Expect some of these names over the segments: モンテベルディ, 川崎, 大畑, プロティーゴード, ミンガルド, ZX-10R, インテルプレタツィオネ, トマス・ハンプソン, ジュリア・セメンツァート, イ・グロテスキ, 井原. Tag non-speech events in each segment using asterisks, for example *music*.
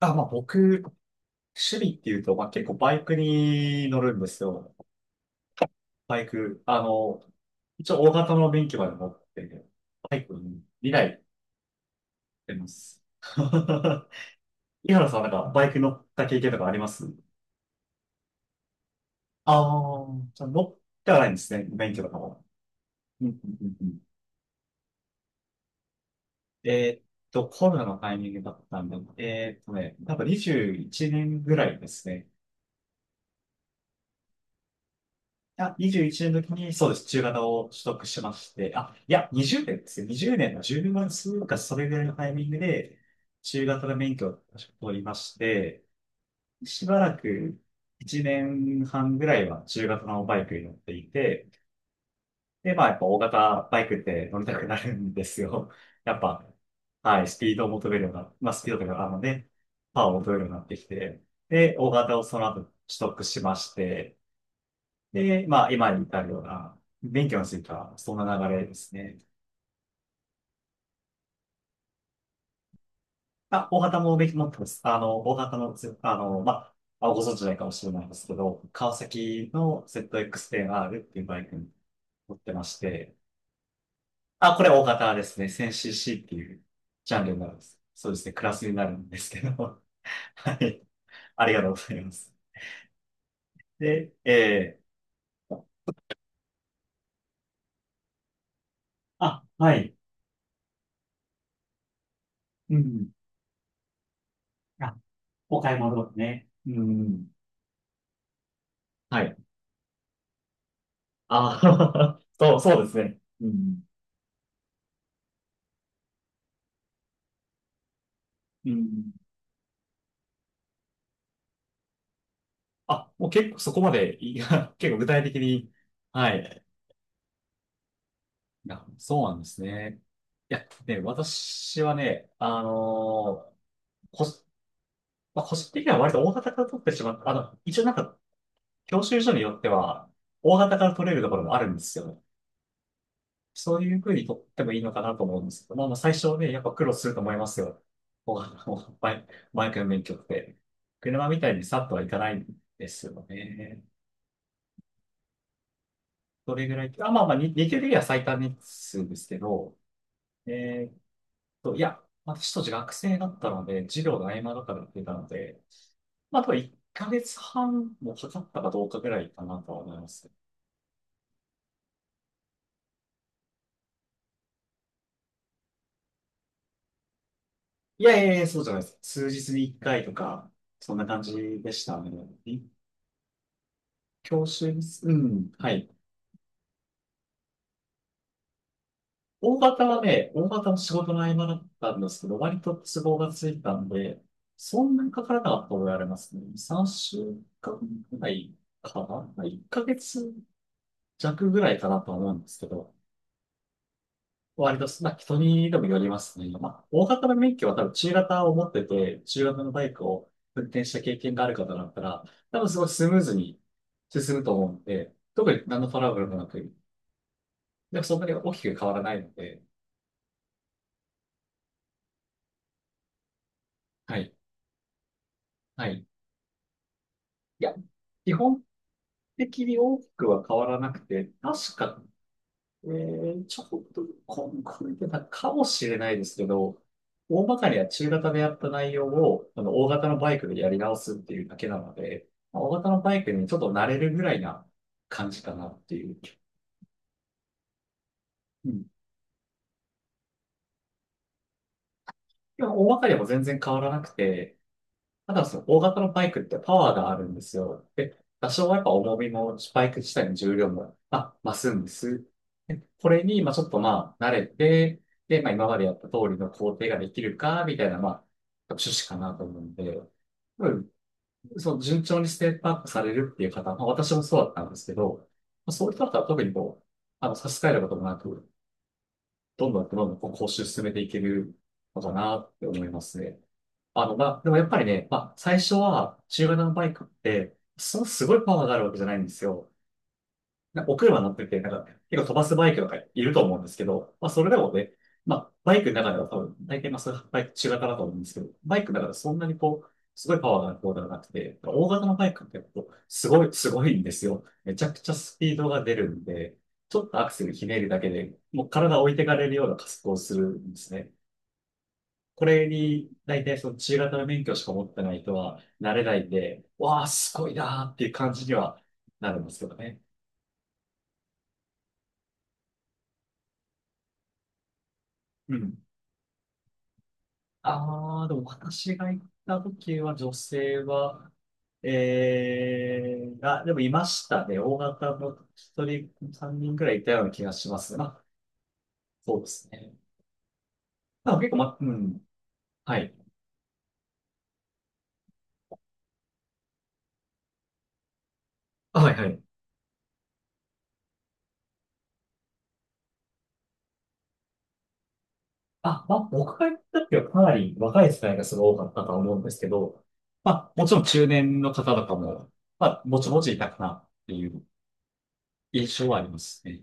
あ、まあ僕、趣味っていうと、まあ結構バイクに乗るんですよ。バイク。一応大型の免許まで持ってて、バイク2来乗ってます。*laughs* 井原さん、なんかバイク乗った経験とかあります？ああー、じゃあ乗ってはないんですね、免許とかも。うんうんうんうん。えーっコロナのタイミングだったんで、多分21年ぐらいですね。あ、21年の時に、そうです。中型を取得しまして、あ、いや、20年ですよ。20年の10分数か、それぐらいのタイミングで、中型の免許を確か取りまして、しばらく1年半ぐらいは中型のバイクに乗っていて、で、まあ、やっぱ大型バイクって乗りたくなるんですよ。*laughs* やっぱ、はい、スピードを求めるような、まあ、スピードというか、あのね、パワーを求めるようになってきて、で、大型をその後取得しまして、で、まあ、今に至るような、勉強については、そんな流れですね。まあ、大畑も勉強持ってます。あの、大畑のつ、あの、まあ、ご存知ないかもしれないですけど、川崎の ZX-10R っていうバイクに乗ってまして、あ、これ大型ですね。1000cc っていうジャンルになるんです。そうですね。クラスになるんですけど。*laughs* はい。ありがとうございます。で、あ、はい。うん。あ、お買い物ね。うん。はい。ああ、*laughs* そう、そうですね。うん。うん。あ、もう結構そこまで、いや、*laughs* 結構具体的に。はい。いや、そうなんですね。いや、ね、私はね、ー、個、まあ、個人的には割と大型から取ってしまった。一応なんか、教習所によっては、大型から取れるところもあるんですよ。そういう風にとってもいいのかなと思うんですけど、まあまあ最初はね、やっぱ苦労すると思いますよ。こう、バイクの免許って。車みたいにさっとはいかないんですよね。どれぐらい、あ、まあまあ、日給的には最短日数ですけど、えーっいや、私当時学生だったので、授業の合間とかでやってたので、まあ、あと1ヶ月半もかかったかどうかぐらいかなとは思います。いやいやいや、そうじゃないです。数日に1回とか、そんな感じでしたね。教習ですうん、はい。大型はね、大型の仕事の合間だったんですけど、割と都合がついたんで、そんなにかからなかったと言われますね。2、3週間ぐらいかなま？ 1 ヶ月弱ぐらいかなと思うんですけど、割とまあ人にでもよりますね。まあ、大型の免許は多分中型を持ってて、中型のバイクを運転した経験がある方だったら、多分すごいスムーズに進むと思うんで、特に何のトラブルもなく、でもそんなに大きく変わらないので、はい。はい。いや、基本的に大きくは変わらなくて、確か、ちょっと、これてたかもしれないですけど、大まかには中型でやった内容を、大型のバイクでやり直すっていうだけなので、まあ大型のバイクにちょっと慣れるぐらいな感じかなっていう。うん。でも、大まかにはもう全然変わらなくて、ただその大型のバイクってパワーがあるんですよ。で、多少はやっぱ重みも、バイク自体の重量も、まあ、増すんです。で、これに、まあちょっとまあ慣れて、で、まあ今までやった通りの工程ができるか、みたいな、まあ、趣旨かなと思うんで、うん、そう、順調にステップアップされるっていう方、まあ私もそうだったんですけど、まあ、そういう人だったら特にこう、差し支えることもなく、どんどんどんどんこう講習進めていけるのかなって思いますね。まあ、でもやっぱりね、まあ、最初は中型のバイクって、そのすごいパワーがあるわけじゃないんですよ。なお車乗ってて、なんか、結構飛ばすバイクとかいると思うんですけど、まあ、それでもね、まあ、バイクの中では多分、大体まあ、そういうバイク中型だと思うんですけど、バイクの中ではそんなにこう、すごいパワーがある方ではなくて、大型のバイクってこう、すごい、すごいんですよ。めちゃくちゃスピードが出るんで、ちょっとアクセルひねるだけで、もう体を置いてかれるような加速をするんですね。これに、大体その中型の免許しか持ってない人は、慣れないんで、わあ、すごいなーっていう感じにはなるんですけどね。うん。ああ、でも私が行った時は女性は、ええーあ、でもいましたね。大型の一人、三人くらいいたような気がしますね。まあ、そうですね。まあ、結構、ま、うん。はい。あはいはい。あ、まあ、僕が行った時はかなり若い世代がすごい多かったと思うんですけど、まあ、もちろん中年の方とかも、まあ、もちもちいたかなっていう印象はありますね。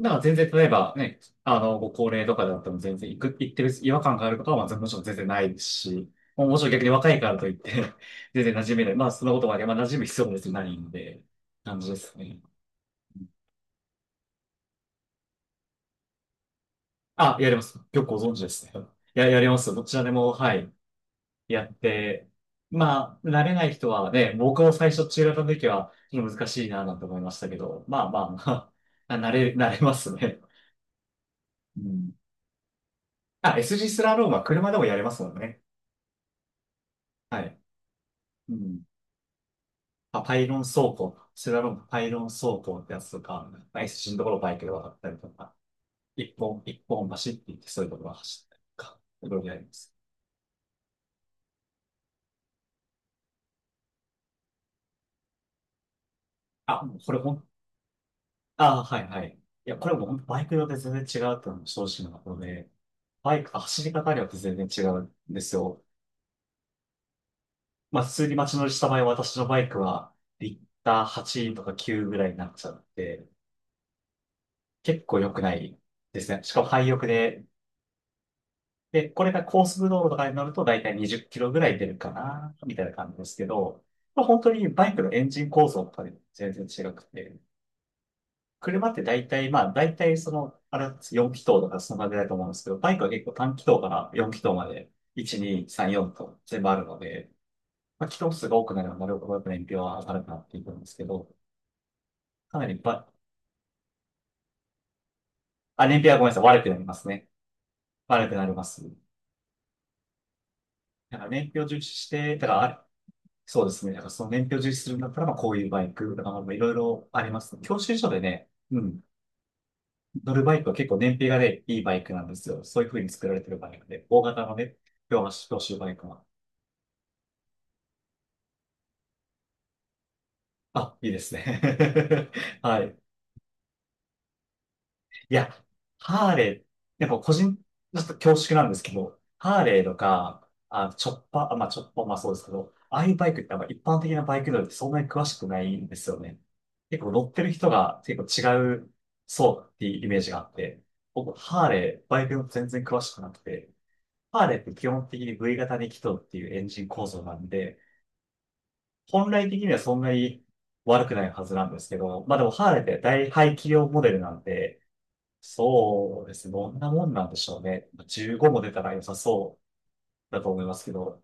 だから全然、例えばね、ご高齢とかだっても全然行く、行ってる違和感があることは、まあ、もちろん全然ないですし、もうもちろん逆に若いからといって *laughs* 全然馴染めない。まあ、そのことはね、まあ、馴染む必要も別にないんで、感じですね。あ、やります。よくご存知ですね。いや、やります。どちらでも、はい。やって、まあ、慣れない人はね、僕も最初中型の時はちょっと難しいなぁなんて思いましたけど、まあまあまあ、*laughs* 慣れますね。うん。あ、SG スジースラロームは車でもやれますもんね。はい。うん。パイロン走行、スラロームパイロン走行ってやつとか、まあ、SG のところをバイクで渡ったりとか、一本走っていってそういうところを走ったりとか、いろいろやります。あ、もうこれ本当ああ、はいはい。いや、これも本当バイクによって全然違うっていうのも正直なとことで、バイク、走り方によって全然違うんですよ。まあ、普通に街乗りした場合、私のバイクは、リッター8とか9ぐらいになっちゃって、結構良くないですね。しかも廃屋で、で、これが高速道路とかに乗ると、だいたい20キロぐらい出るかな、みたいな感じですけど、まあ、本当にバイクのエンジン構造とかで全然違くて、車って大体、まあ、大体その、4気筒とかそんな感じだと思うんですけど、バイクは結構短気筒から4気筒まで、1、2、3、4と全部あるので、まあ、気筒数が多くなればなるほどやっぱ燃費は上がるかなっていうんですけど、かなりば、あ、燃費はごめんなさい、悪くなりますね。悪くなります。だから燃費を重視して、だからあ、そうですね。だからその燃費を重視するんだったら、まあ、こういうバイクとか、まあ、いろいろあります。教習所でね、うん、乗るバイクは結構燃費がね、いいバイクなんですよ。そういう風に作られてるバイクで、大型のね、両足、教習バイクは。あ、いいですね。*laughs* はい。いや、ハーレー、やっぱ個人、ちょっと恐縮なんですけど、ハーレーとか、あ、チョッパー、まあチョッパー、まあそうですけど、ああいうバイクってあんま一般的なバイク乗りってそんなに詳しくないんですよね。結構乗ってる人が結構違う、そうっていうイメージがあって、僕、ハーレー、バイク全然詳しくなくて、ハーレーって基本的に V 型に気筒っていうエンジン構造なんで、本来的にはそんなに悪くないはずなんですけど、まあでもハーレーって大排気量モデルなんで、そうですね、どんなもんなんでしょうね。15も出たら良さそうだと思いますけど、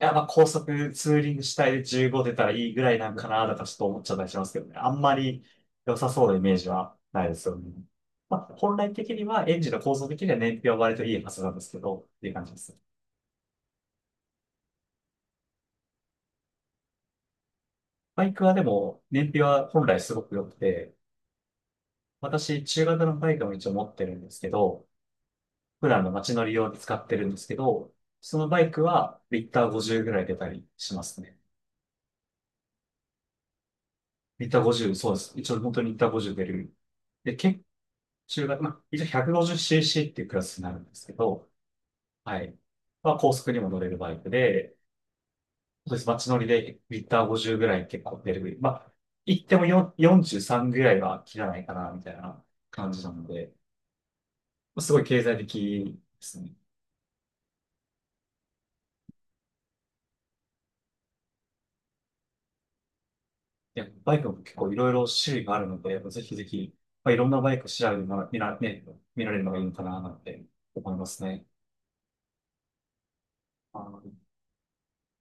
いや、まあ高速ツーリング主体で15出たらいいぐらいなんかな、とかちょっと思っちゃったりしますけどね。あんまり良さそうなイメージはないですよね。まあ、本来的にはエンジンの構造的には燃費は割といいはずなんですけど、っていう感じですね。バイクはでも、燃費は本来すごく良くて、私、中型のバイクも一応持ってるんですけど、普段の街乗り用で使ってるんですけど、そのバイクはリッター50ぐらい出たりしますね。リッター50、そうです。一応本当にリッター50出る。で、結構中型、まあ、一応 150cc っていうクラスになるんですけど、はい。まあ、高速にも乗れるバイクで、そうです。街乗りでリッター50ぐらい結構出る。まあ、行っても4 43ぐらいは切らないかな、みたいな感じなので、すごい経済的ですね。でバイクも結構いろいろ種類があるので、ぜひぜひ、まあ、いろんなバイクを調べて見ら、ね、見られるのがいいのかな、なんて思いますね。あの